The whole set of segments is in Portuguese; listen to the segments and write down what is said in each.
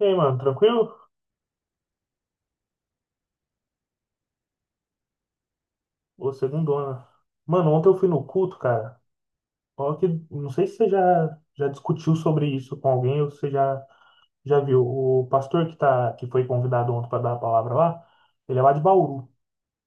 E aí, mano, tranquilo? Ô, segundo ano. Mano, ontem eu fui no culto, cara. Ó, que, não sei se você já, discutiu sobre isso com alguém ou se você já, já viu. O pastor que, tá, que foi convidado ontem para dar a palavra lá, ele é lá de Bauru.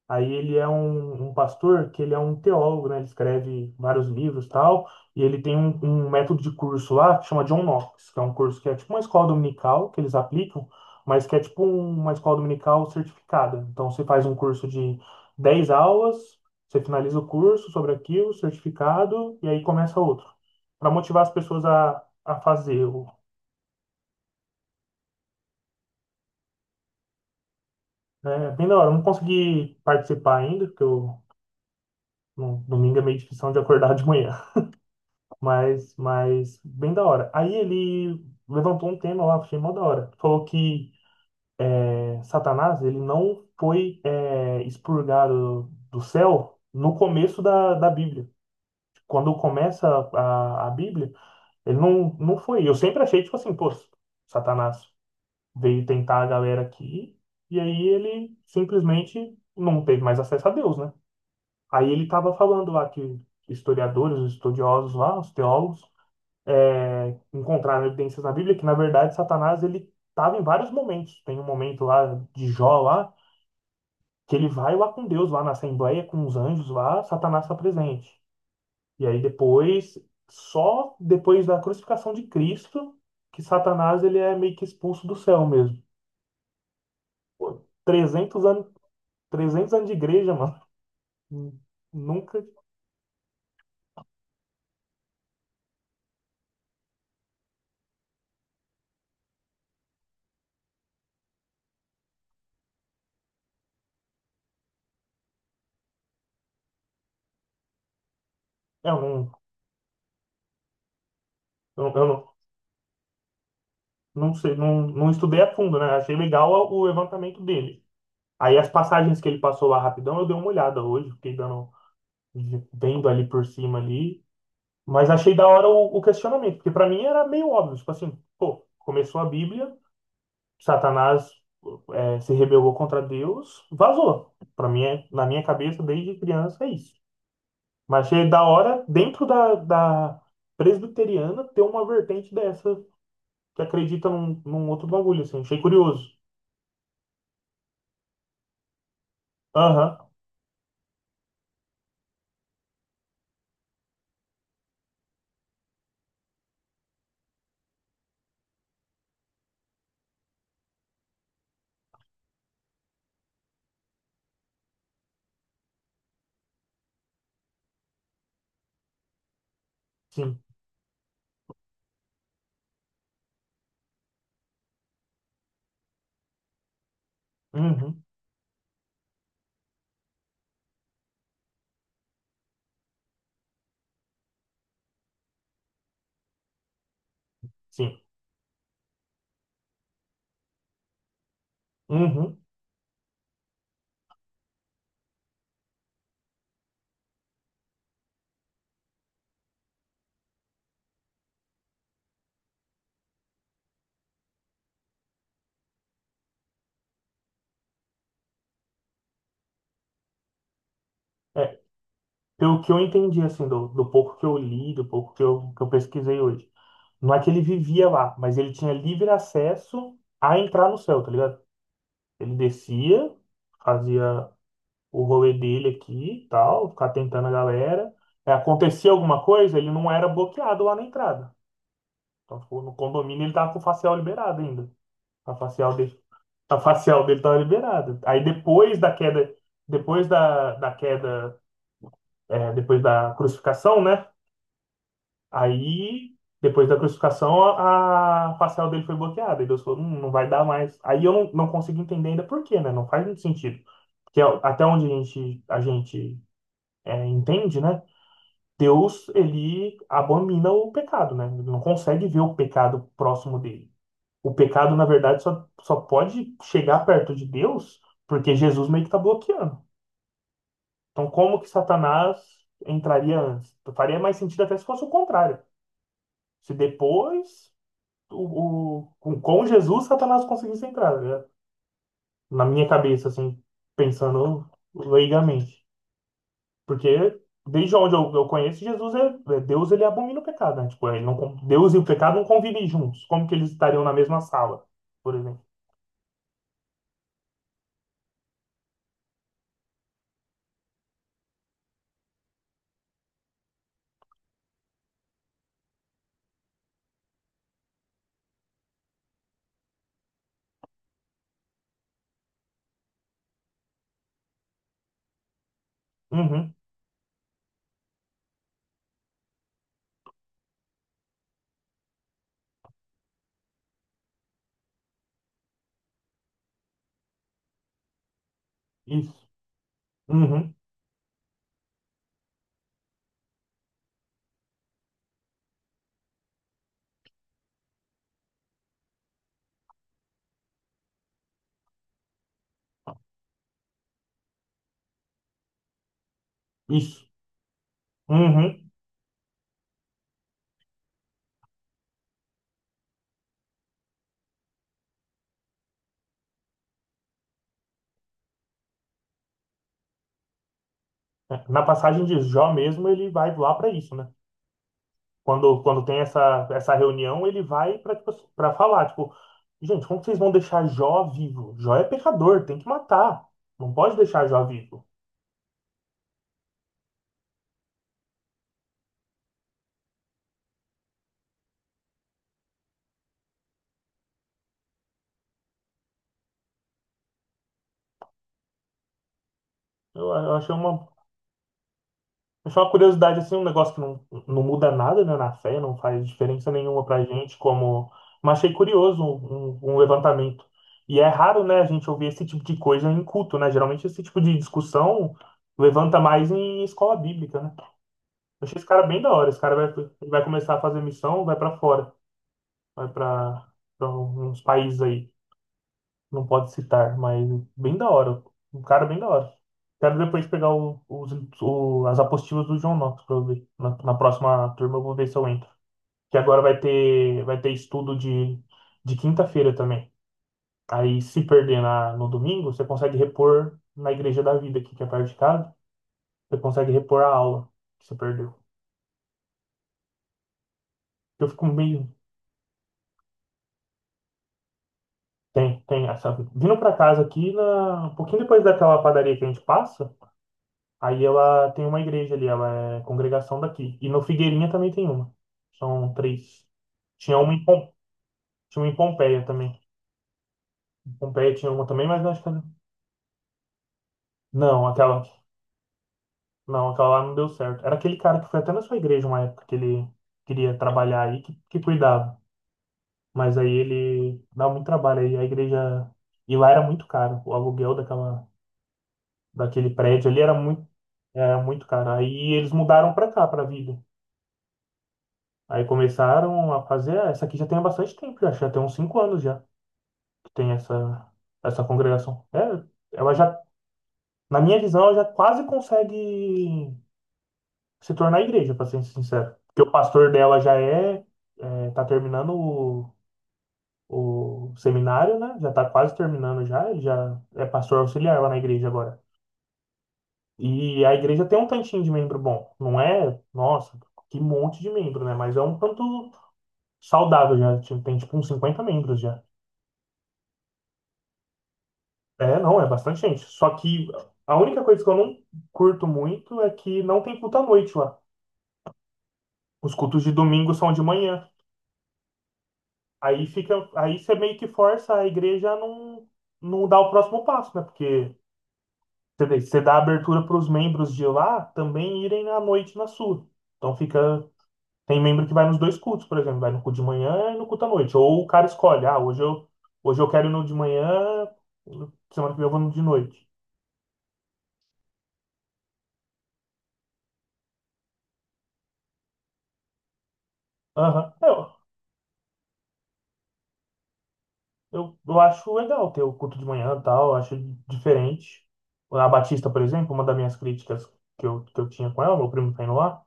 Aí ele é um pastor que ele é um teólogo, né? Ele escreve vários livros, tal, e ele tem um método de curso lá que chama John Knox, que é um curso que é tipo uma escola dominical que eles aplicam, mas que é tipo uma escola dominical certificada. Então você faz um curso de 10 aulas, você finaliza o curso sobre aquilo, certificado, e aí começa outro, para motivar as pessoas a fazer o, né? É Bem da hora. Eu não consegui participar ainda, porque eu, no, domingo é meio difícil de acordar de manhã. Mas, bem da hora. Aí ele levantou um tema lá, achei mó da hora. Falou que é, Satanás, ele não foi é, expurgado do céu no começo da Bíblia. Quando começa a Bíblia, ele não, foi. Eu sempre achei, tipo assim, pô, Satanás veio tentar a galera aqui, e aí ele simplesmente não teve mais acesso a Deus, né? Aí ele tava falando lá que historiadores, estudiosos lá, os teólogos, é, encontrar evidências na Bíblia que, na verdade, Satanás ele estava em vários momentos. Tem um momento lá de Jó lá que ele vai lá com Deus lá na assembleia com os anjos lá, Satanás está presente. E aí depois, só depois da crucificação de Cristo que Satanás ele é meio que expulso do céu mesmo. Pô, 300 anos, 300 anos de igreja, mano. Nunca, eu não, eu não, não sei, não, estudei a fundo, né? Achei legal o levantamento dele. Aí as passagens que ele passou lá rapidão, eu dei uma olhada hoje, fiquei dando, vendo ali por cima ali, mas achei da hora o questionamento, porque para mim era meio óbvio, tipo assim, pô, começou a Bíblia, Satanás é, se rebelou contra Deus, vazou. Para mim, é, na minha cabeça, desde criança, é isso. Mas achei da hora, dentro da presbiteriana, ter uma vertente dessa, que acredita num outro bagulho, assim, achei curioso. Aham, sim, uhum, sim, uhum. É, Pelo que eu entendi, assim, do pouco que eu li, do pouco que eu pesquisei hoje. Não é que ele vivia lá, mas ele tinha livre acesso a entrar no céu, tá ligado? Ele descia, fazia o rolê dele aqui e tal, ficar tentando a galera. É, acontecia alguma coisa, ele não era bloqueado lá na entrada. Então, tipo, no condomínio ele tava com o facial liberado ainda. A facial dele, a facial dele tava liberada. Aí depois da queda, depois da queda, é, depois da crucificação, né? Aí, depois da crucificação, a facial dele foi bloqueada. E Deus falou, não vai dar mais." Aí eu não, consigo entender ainda por quê, né? Não faz muito sentido. Porque a- até onde a gente é, entende, né? Deus, ele abomina o pecado, né? Ele não consegue ver o pecado próximo dele. O pecado, na verdade, só, pode chegar perto de Deus porque Jesus meio que está bloqueando. Então, como que Satanás entraria antes? Faria mais sentido até se fosse o contrário. Se depois o, com Jesus, Satanás conseguisse entrar, né? Na minha cabeça, assim, pensando leigamente. Porque desde onde eu conheço, Jesus é, é- Deus, ele abomina o pecado, né? Tipo, ele não, con- Deus e o pecado não convivem juntos. Como que eles estariam na mesma sala, por exemplo? Uhum, isso, uhum, isso, uhum. É, Na passagem de Jó mesmo, ele vai lá para isso, né? Quando, quando tem essa, essa reunião, ele vai para tipo, para falar, tipo, gente, como que vocês vão deixar Jó vivo? Jó é pecador, tem que matar. Não pode deixar Jó vivo. Eu achei uma curiosidade, assim, um negócio que não, não muda nada, né, na fé, não faz diferença nenhuma pra gente, como... Mas achei curioso um levantamento. E é raro, né, a gente ouvir esse tipo de coisa em culto, né? Geralmente esse tipo de discussão levanta mais em escola bíblica, né? Eu achei esse cara bem da hora. Esse cara vai, vai começar a fazer missão, vai pra fora. Vai para uns países aí, não pode citar, mas bem da hora, um cara bem da hora. Quero depois pegar os, as apostilas do John Knox para eu ver. Na, na próxima turma eu vou ver se eu entro. Que agora vai ter estudo de quinta-feira também. Aí se perder na, no domingo, você consegue repor na Igreja da Vida aqui, que é perto de casa. Você consegue repor a aula que você perdeu. Eu fico meio... Tem, tem. Essa, vindo para casa aqui, na, um pouquinho depois daquela padaria que a gente passa, aí ela tem uma igreja ali, ela é congregação daqui. E no Figueirinha também tem uma. São três. Tinha uma em, tinha uma em Pompeia também. Em Pompeia tinha uma também, mas eu acho que era... Não, aquela, não, aquela lá não deu certo. Era aquele cara que foi até na sua igreja uma época que ele queria trabalhar aí, que cuidava. Mas aí ele dá muito trabalho aí. A igreja. E lá era muito caro. O aluguel daquela, daquele prédio ali era muito caro. Aí eles mudaram pra cá, pra Vila. Aí começaram a fazer. Ah, essa aqui já tem há bastante tempo, já, acho que já tem uns 5 anos já que tem essa, essa congregação. É, ela já, na minha visão, ela já quase consegue se tornar igreja, para ser sincero. Porque o pastor dela já é, é, tá terminando o seminário, né? Já tá quase terminando já, ele já é pastor auxiliar lá na igreja agora. E a igreja tem um tantinho de membro bom. Não é, nossa, que monte de membro, né? Mas é um tanto saudável já. Tem tipo uns 50 membros já. É, não, é bastante gente. Só que a única coisa que eu não curto muito é que não tem culto à noite lá. Os cultos de domingo são de manhã. Aí fica, aí você meio que força a igreja a não, não dar o próximo passo, né? Porque você vê, você dá abertura para os membros de lá também irem à noite na sua. Então fica, tem membro que vai nos dois cultos, por exemplo, vai no culto de manhã e no culto à noite. Ou o cara escolhe, ah, hoje eu quero ir no de manhã, semana que vem eu vou no de noite. Aham. É, eu acho legal ter o culto de manhã e tal, eu acho diferente. A Batista, por exemplo, uma das minhas críticas que eu tinha com ela, meu primo tá indo lá,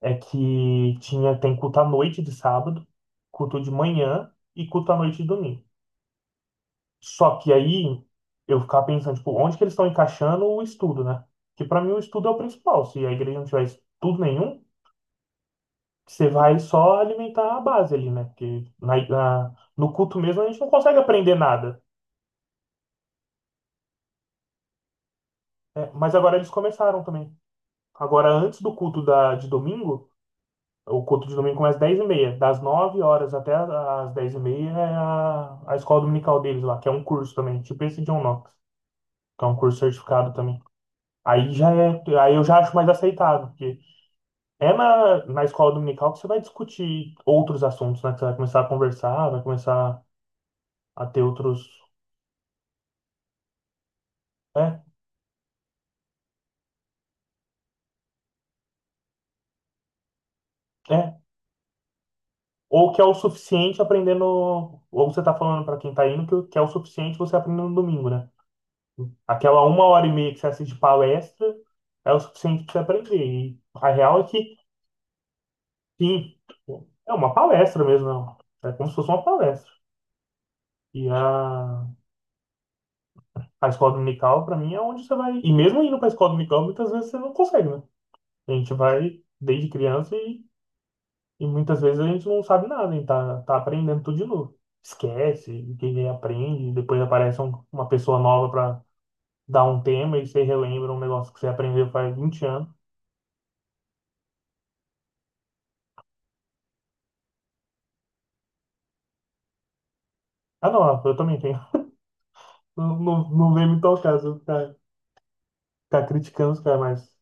é que tinha, tem culto à noite de sábado, culto de manhã e culto à noite de domingo. Só que aí eu ficava pensando, tipo, onde que eles estão encaixando o estudo, né? Que pra mim o estudo é o principal. Se a igreja não tiver estudo nenhum, você vai só alimentar a base ali, né? Porque na, no culto mesmo a gente não consegue aprender nada. É, mas agora eles começaram também. Agora, antes do culto da, de domingo, o culto de domingo começa às 10:30. Das 9 horas até às dez e meia é a escola dominical deles lá, que é um curso também, tipo esse John Knox, que é um curso certificado também. Aí já é, aí eu já acho mais aceitável, porque é na, na escola dominical que você vai discutir outros assuntos, né? Que você vai começar a conversar, vai começar a ter outros. É, é. Ou que é o suficiente aprender no. Ou você tá falando para quem tá indo que é o suficiente você aprender no domingo, né? Aquela uma hora e meia que você assiste palestra é o suficiente para você aprender. E a real é que, sim, é uma palestra mesmo. Não. É como se fosse uma palestra. E a escola dominical, para mim, é onde você vai. E mesmo indo para a escola dominical, muitas vezes você não consegue, né? A gente vai desde criança e muitas vezes a gente não sabe nada, a gente tá, tá aprendendo tudo de novo. Esquece, o que aprende, depois aparece um- uma pessoa nova para dar um tema e você relembra um negócio que você aprendeu faz 20 anos. Ah, não, eu também tenho. Não, não, não vem me tocar, se eu ficar, ficar criticando os caras, mas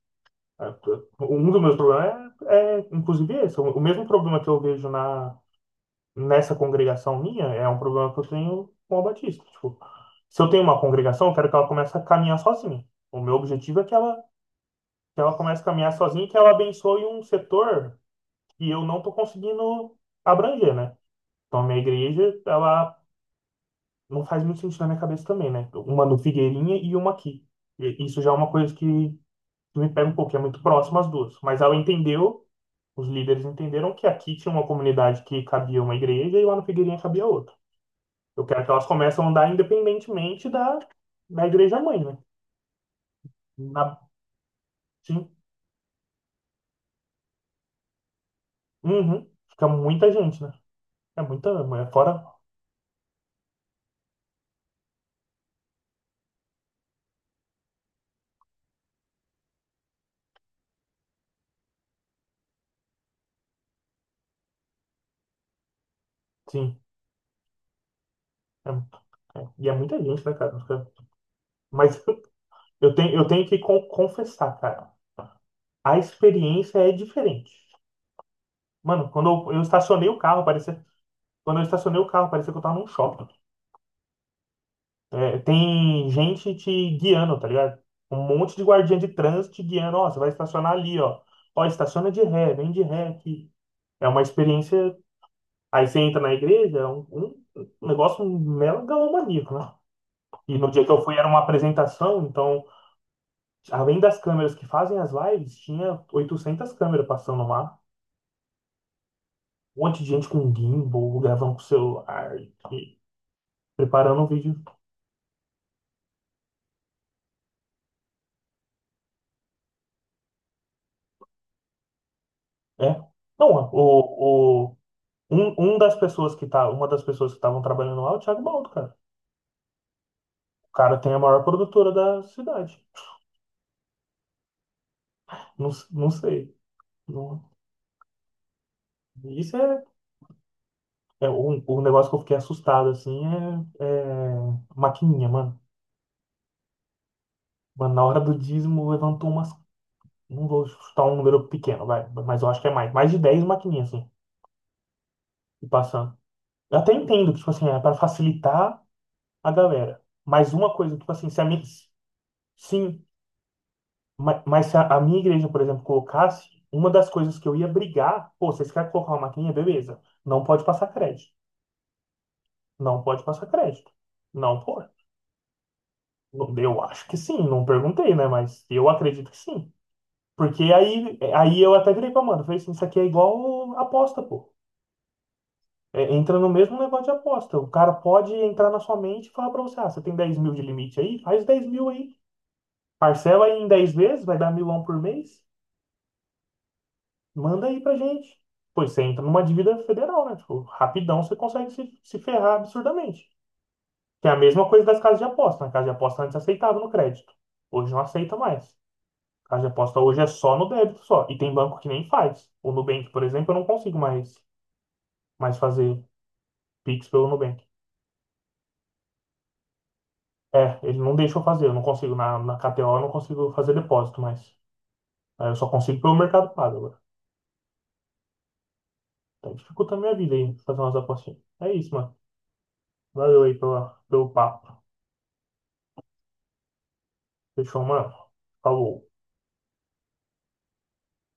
ah, t- um dos meus problemas é, é, inclusive, esse. O mesmo problema que eu vejo nessa congregação minha é um problema que eu tenho com a Batista. Tipo, se eu tenho uma congregação, eu quero que ela comece a caminhar sozinha. O meu objetivo é que ela comece a caminhar sozinha e que ela abençoe um setor que eu não estou conseguindo abranger, né? Então, a minha igreja, ela não faz muito sentido na minha cabeça também, né? Uma no Figueirinha e uma aqui. E isso já é uma coisa que me pega um pouquinho, é muito próximo as duas. Mas ela entendeu, os líderes entenderam que aqui tinha uma comunidade que cabia uma igreja e lá no Figueirinha cabia outra. Eu quero que elas comecem a andar independentemente da, da igreja mãe, né? Na, sim, uhum. Fica muita gente, né? É fora, sim. É, e é muita gente, né, cara? Mas eu tenho que confessar, cara. A experiência é diferente. Mano, quando eu estacionei o carro, parecia. Quando eu estacionei o carro, parecia que eu tava num shopping. É, tem gente te guiando, tá ligado? Um monte de guardinha de trânsito te guiando. Ó, você vai estacionar ali, ó. Ó, estaciona de ré, vem de ré aqui. É uma experiência. Aí você entra na igreja, é um negócio megalomaníaco, né? E no dia que eu fui era uma apresentação, então, além das câmeras que fazem as lives, tinha 800 câmeras passando lá. Um monte de gente com gimbal, gravando com celular, e preparando o vídeo. É. Não, o, Um das pessoas que tá, uma das pessoas que estavam trabalhando lá é o Thiago Baldo, cara. O cara tem a maior produtora da cidade. Não, não sei. Não- isso é, é um negócio que eu fiquei assustado, assim, é maquininha, mano. Mano, na hora do dízimo levantou umas. Não vou chutar um número pequeno, vai, mas eu acho que é mais. Mais de 10 maquininhas, assim, e passando. Eu até entendo que, tipo assim, é para facilitar a galera. Mas uma coisa, tipo assim, se a minha, se, Ma- Mas, se a, a minha igreja, por exemplo, colocasse, uma das coisas que eu ia brigar, pô, vocês querem colocar uma maquininha? Beleza. Não pode passar crédito. Não pode passar crédito. Não pode. Eu acho que sim, não perguntei, né? Mas eu acredito que sim. Porque aí, aí eu até virei pra mano, falei assim, isso aqui é igual aposta, pô. É, entra no mesmo negócio de aposta. O cara pode entrar na sua mente e falar pra você, ah, você tem 10.000 de limite aí? Faz 10.000 aí. Parcela aí em 10 vezes, vai dar milão por mês. Manda aí pra gente. Pois você entra numa dívida federal, né? Tipo, rapidão você consegue se ferrar absurdamente. Que é a mesma coisa das casas de aposta, né? Casa de aposta antes aceitava no crédito. Hoje não aceita mais. Casa de aposta hoje é só no débito só. E tem banco que nem faz. O Nubank, por exemplo, eu não consigo mais fazer Pix pelo Nubank. É, ele não deixa eu fazer. Eu não consigo. Na KTO eu não consigo fazer depósito mais. Aí eu só consigo pelo Mercado Pago agora. Tá dificultando a minha vida aí, fazer umas apostinhas. É isso, mano. Valeu aí pelo papo. Fechou, mano. Falou.